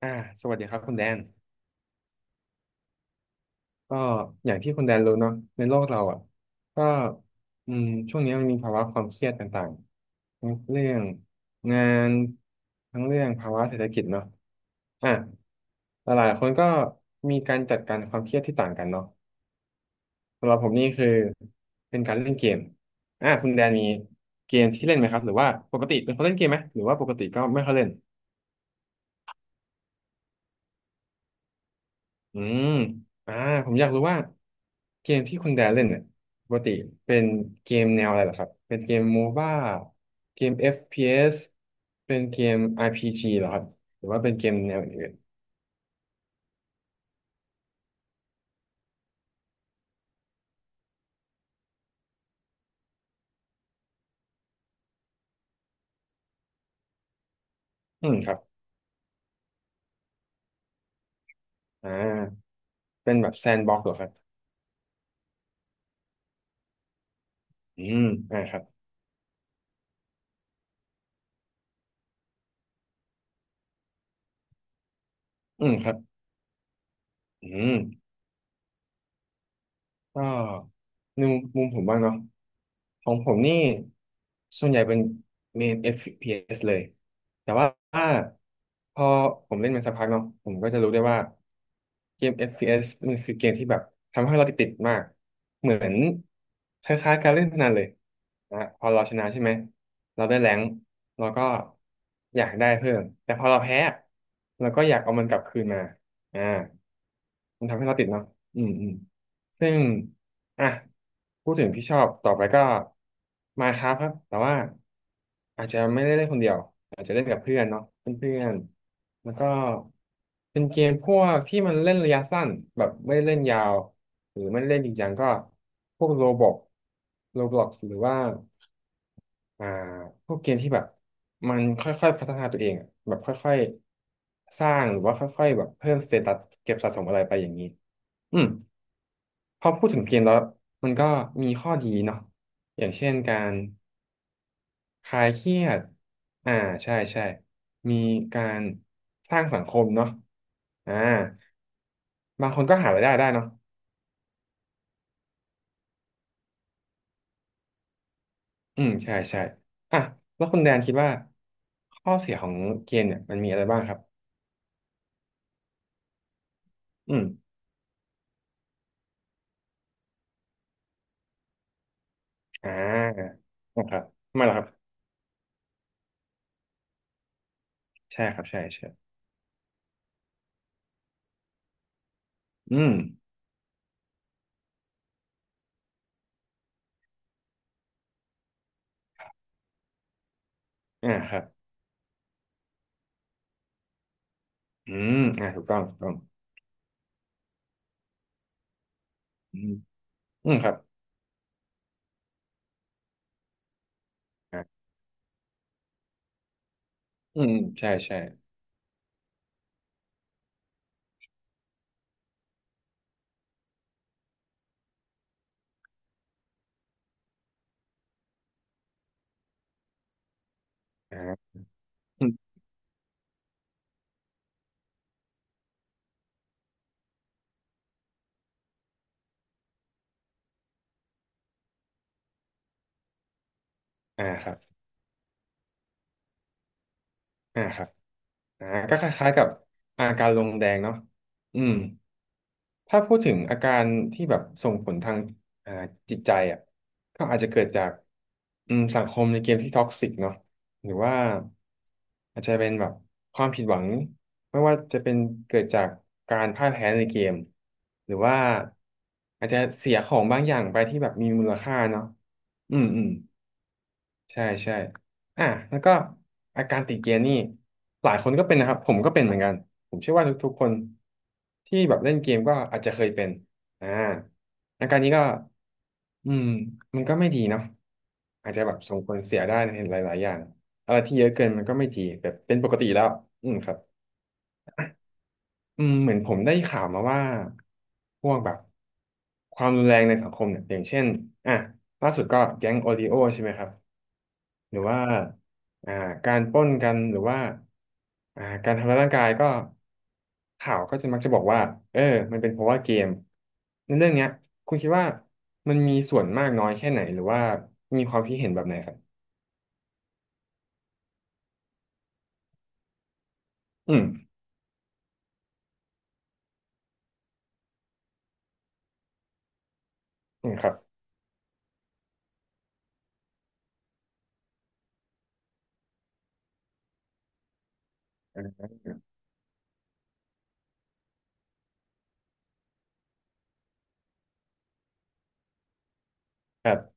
อ่าสวัสดีครับคุณแดนก็อย่างที่คุณแดนรู้เนาะในโลกเราอ่ะก็อืมช่วงนี้มันมีภาวะความเครียดต่างๆทั้งเรื่องงานทั้งเรื่องภาวะเศรษฐกิจเนาะอ่ะหลายๆคนก็มีการจัดการความเครียดที่ต่างกันเนาะสำหรับผมนี่คือเป็นการเล่นเกมอ่ะคุณแดนมีเกมที่เล่นไหมครับหรือว่าปกติเป็นคนเล่นเกมไหมหรือว่าปกติก็ไม่ค่อยเล่น อืมอ่าผมอยากรู้ว่าเกมที่คุณแดนเล่นเนี่ยปกติเป็นเกมแนวอะไรเหรอครับ เป็นเกมโมบ้าเกม FPS เอสเป็นเกม RPG เหรอครับหรือว่าเป็นเกมแนวอื่นอืมครับอ่าเป็นแบบแซนด์บ็อกซ์เหรอครับอืมอ่าครับอืมครับอืม ก็ในมุมผมบ้างเนาะของผมนี่ส่วนใหญ่เป็นเมน FPS เอสเลยแต่ว่าพอผมเล่นมาสักพักเนาะผมก็จะรู้ได้ว่าเกม FPS มันคือเกมที่แบบทำให้เราติดมากเหมือนคล้ายๆการเล่นพนันเลยนะพอเราชนะใช่ไหมเราได้แรงค์เราก็อยากได้เพิ่มแต่พอเราแพ้เราก็อยากเอามันกลับคืนมาอ่ามันทำให้เราติดเนาะอืมอืม ซึ่งอ่ะพูดถึงพี่ชอบต่อไปก็มาครับครับแต่ว่าอาจจะไม่ได้เล่นคนเดียวอาจจะเล่นกับเพื่อนเนาะเพื่อนๆแล้วก็เป็นเกมพวกที่มันเล่นระยะสั้นแบบไม่ได้เล่นยาวหรือไม่ได้เล่นจริงจังก็พวกโรบล็อกหรือว่าอ่าพวกเกมที่แบบมันค่อยๆพัฒนาตัวเองอะแบบค่อยๆสร้างหรือว่าค่อยๆแบบเพิ่มสเตตัสเก็บสะสมอะไรไปอย่างนี้อืม พอพูดถึงเกมแล้วมันก็มีข้อดีเนาะอย่างเช่นการคลายเครียดอ่าใช่ใช่มีการสร้างสังคมเนาะอ่าบางคนก็หารายได้ได้เนาะอืมใช่ใช่อ่ะแล้วคุณแดนคิดว่าข้อเสียของเกมเนี่ยมันมีอะไรบ้างครับอืมอ่านะครับทำไมาแล้วครับใช่ครับใช่ใช่อืมอ่าครับอืมอ่าถูกต้องถูกต้องอืมอืมครับอ่าอืมอืมใช่ใช่อ่า อ่าครับอ่าครับอ่าก็คล้ายๆกับอาการลงแดงเนาะอืมถ้าพูดถึงอาการที่แบบส่งผลทางอ่าจิตใจอ่ะก็อาจจะเกิดจากสังคมในเกมที่ท็อกซิกเนาะหรือว่าอาจจะเป็นแบบความผิดหวังไม่ว่าจะเป็นเกิดจากการพ่ายแพ้ในเกมหรือว่าอาจจะเสียของบางอย่างไปที่แบบมีมูลค่าเนาะอืมอืม ใช่ใช่อ่ะแล้วก็อาการติดเกียร์นี่หลายคนก็เป็นนะครับผมก็เป็นเหมือนกันผมเชื่อว่าทุกๆคนที่แบบเล่นเกมก็อาจจะเคยเป็นอ่าอาการนี้ก็อืมมันก็ไม่ดีเนาะอาจจะแบบส่งผลเสียได้ในหลายๆอย่างอะไรที่เยอะเกินมันก็ไม่ดีแบบเป็นปกติแล้วอืมครับอืมเหมือนผมได้ข่าวมาว่าพวกแบบความรุนแรงในสังคมเนี่ยอย่างเช่นอ่ะล่าสุดก็แก๊งโอริโอใช่ไหมครับ หรือว่าอ่าการปล้นกันหรือว่าการทำร้ายร่างกายก็ข่าวก็จะมักจะบอกว่าเออมันเป็นเพราะว่าเกมในเรื่องเนี้ยคุณคิดว่ามันมีส่วนมากน้อยแค่ไหนหรือว่ามีความคิดเห็นแบบไหนครับอืมอืมครับอ่าครับ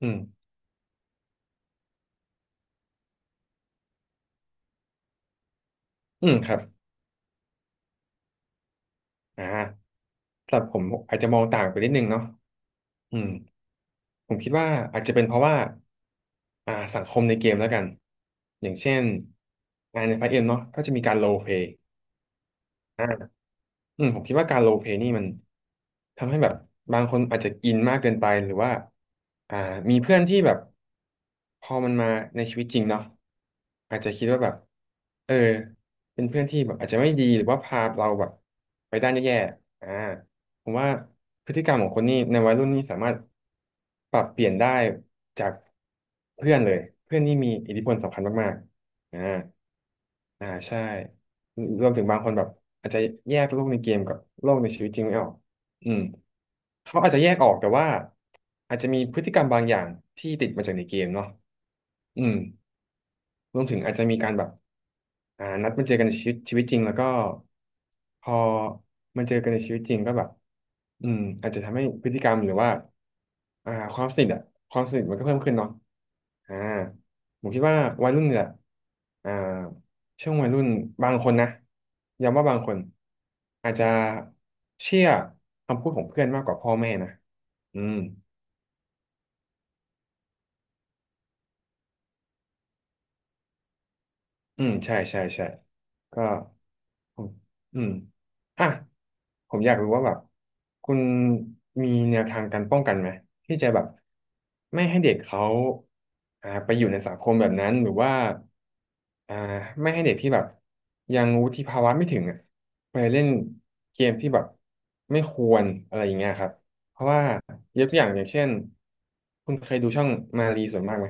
อืมอืมครับอ่าสำหรับผมอาจจะมองต่างไปนิดนึงเนาะอืมผมคิดว่าอาจจะเป็นเพราะว่าสังคมในเกมแล้วกันอย่างเช่นงานในพาร์ทเอ็มเนาะก็จะมีการโลเพลย์ อืมผมคิดว่าการโรลเพลย์นี่มันทำให้แบบบางคนอาจจะอินมากเกินไปหรือว่าอ่ามีเพื่อนที่แบบพอมันมาในชีวิตจริงเนาะอาจจะคิดว่าแบบเออเป็นเพื่อนที่แบบอาจจะไม่ดีหรือว่าพาเราแบบไปด้านแย่ๆผมว่าพฤติกรรมของคนนี่ในวัยรุ่นนี่สามารถปรับเปลี่ยนได้จากเพื่อนเลยเพื่อนนี่มีอิทธิพลสำคัญมากๆอ่าอ่าใช่ รวมถึงบางคนแบบอาจจะแยกโลกในเกมกับโลกในชีวิตจริงไม่ออกอืมเขาอาจจะแยกออกแต่ว่าอาจจะมีพฤติกรรมบางอย่างที่ติดมาจากในเกมเนาะอืม รวมถึงอาจจะมีการแบบนัดมาเจอกันในชีวิตจริงแล้วก็พอมาเจอกันในชีวิตจริงก็แบบอาจจะทำให้พฤติกรรมหรือว่าความสนิทอะความสนิทมันก็เพิ่มขึ้นเนาะอ่าผมคิดว่าวัยรุ่นเนี่ยอ่าช่วงวัยรุ่นบางคนนะย้ำว่าบางคนอาจจะเชื่อคำพูดของเพื่อนมากกว่าพ่อแม่นะอืมอืมใช่ใช่ใช่ก็ ผมอืมอ่ะผมอยากรู้ว่าแบบคุณมีแนวทางการป้องกันไหมที่จะแบบไม่ให้เด็กเขาไปอยู่ในสังคมแบบนั้นหรือว่าอ่าไม่ให้เด็กที่แบบยังวุฒิภาวะไม่ถึงอ่ะไปเล่นเกมที่แบบไม่ควรอะไรอย่างเงี้ยครับเพราะว่ายกตัวอย่างอย่างเช่นคุณเคยดูช่องมารีส่วนมากไหม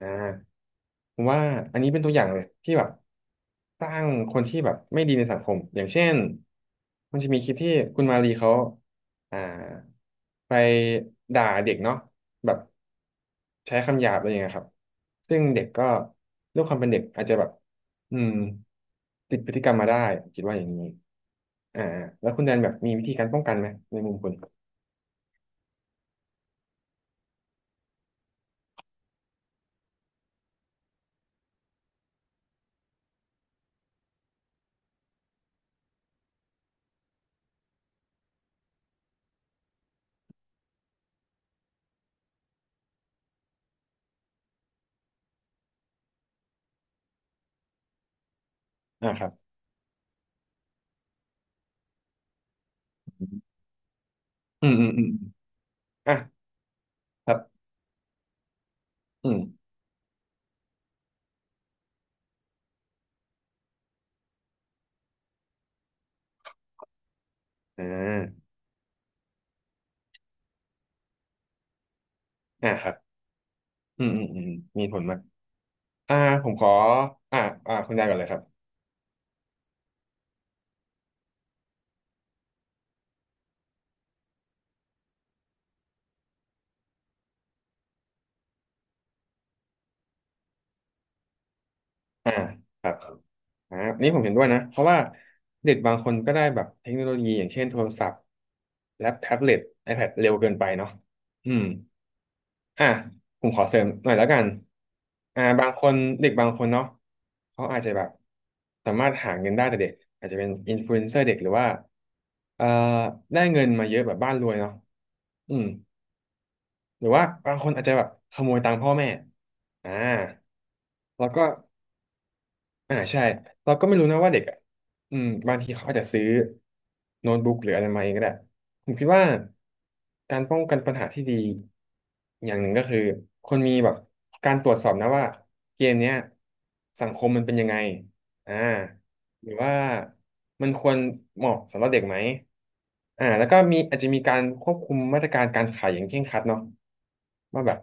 อ่าผมว่าอันนี้เป็นตัวอย่างเลยที่แบบสร้างคนที่แบบไม่ดีในสังคมอย่างเช่นมันจะมีคลิปที่คุณมารีเขาอ่าไปด่าเด็กเนาะแบบใช้คำหยาบอะไรอย่างเงี้ยครับซึ่งเด็กก็ด้วยความเป็นเด็กอาจจะแบบอืมติดพฤติกรรมมาได้ผมคิดว่าอย่างนี้อ่าแล้วคุณแดนแบบมีวิธีการป้องกันไหมในมุมคุณอ่าครับอืมอืมอืมอมอ่ะครับอืมอ่าอ่าครับ อืมอืมอืมมีผลมากอ่าผมขออ่าคุณยายก่อนเลยครับอ่าครับอ่านี่ผมเห็นด้วยนะเพราะว่าเด็กบางคนก็ได้แบบเทคโนโลยีอย่างเช่นโทรศัพท์แล็ปแท็บเล็ต iPad เร็วเกินไปเนาะอืมอ่าผมขอเสริมหน่อยแล้วกันบางคนเด็กบางคนเนาะเขาอาจจะแบบสามารถหาเงินได้แต่เด็กอาจจะเป็นอินฟลูเอนเซอร์เด็กหรือว่าเอ่อได้เงินมาเยอะแบบบ้านรวยเนาะอืม หรือว่าบางคนอาจจะแบบขโมยตังค์พ่อแม่อ่าแล้วก็ใช่เราก็ไม่รู้นะว่าเด็กอ่ะอืมบางทีเขาอาจจะซื้อโน้ตบุ๊กหรืออะไรมาเองก็ได้ผมคิดว่าการป้องกันปัญหาที่ดีอย่างหนึ่งก็คือคนมีแบบการตรวจสอบนะว่าเกมเนี้ยสังคมมันเป็นยังไงอ่าหรือว่ามันควรเหมาะสำหรับเด็กไหมแล้วก็มีอาจจะมีการควบคุมมาตรการการขายอย่างเคร่งครัดเนาะว่าแบบ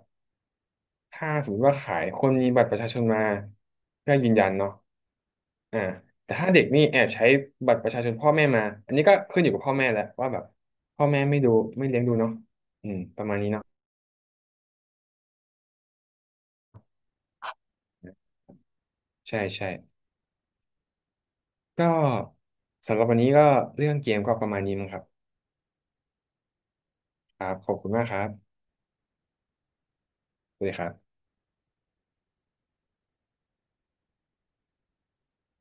ถ้าสมมติว่าขายคนมีบัตรประชาชนมาเพื่อยืนยันเนาะอ่าแต่ถ้าเด็กนี่แอบใช้บัตรประชาชนพ่อแม่มาอันนี้ก็ขึ้นอยู่กับพ่อแม่แหละว่าแบบพ่อแม่ไม่ดูไม่เลี้ยงดูเนาะอืมประมาณนี้เนาะใช่ใช่ก็สำหรับวันนี้ก็เรื่องเกมก็ประมาณนี้มั้งครับครับขอบคุณมากครับสวัสดีครับ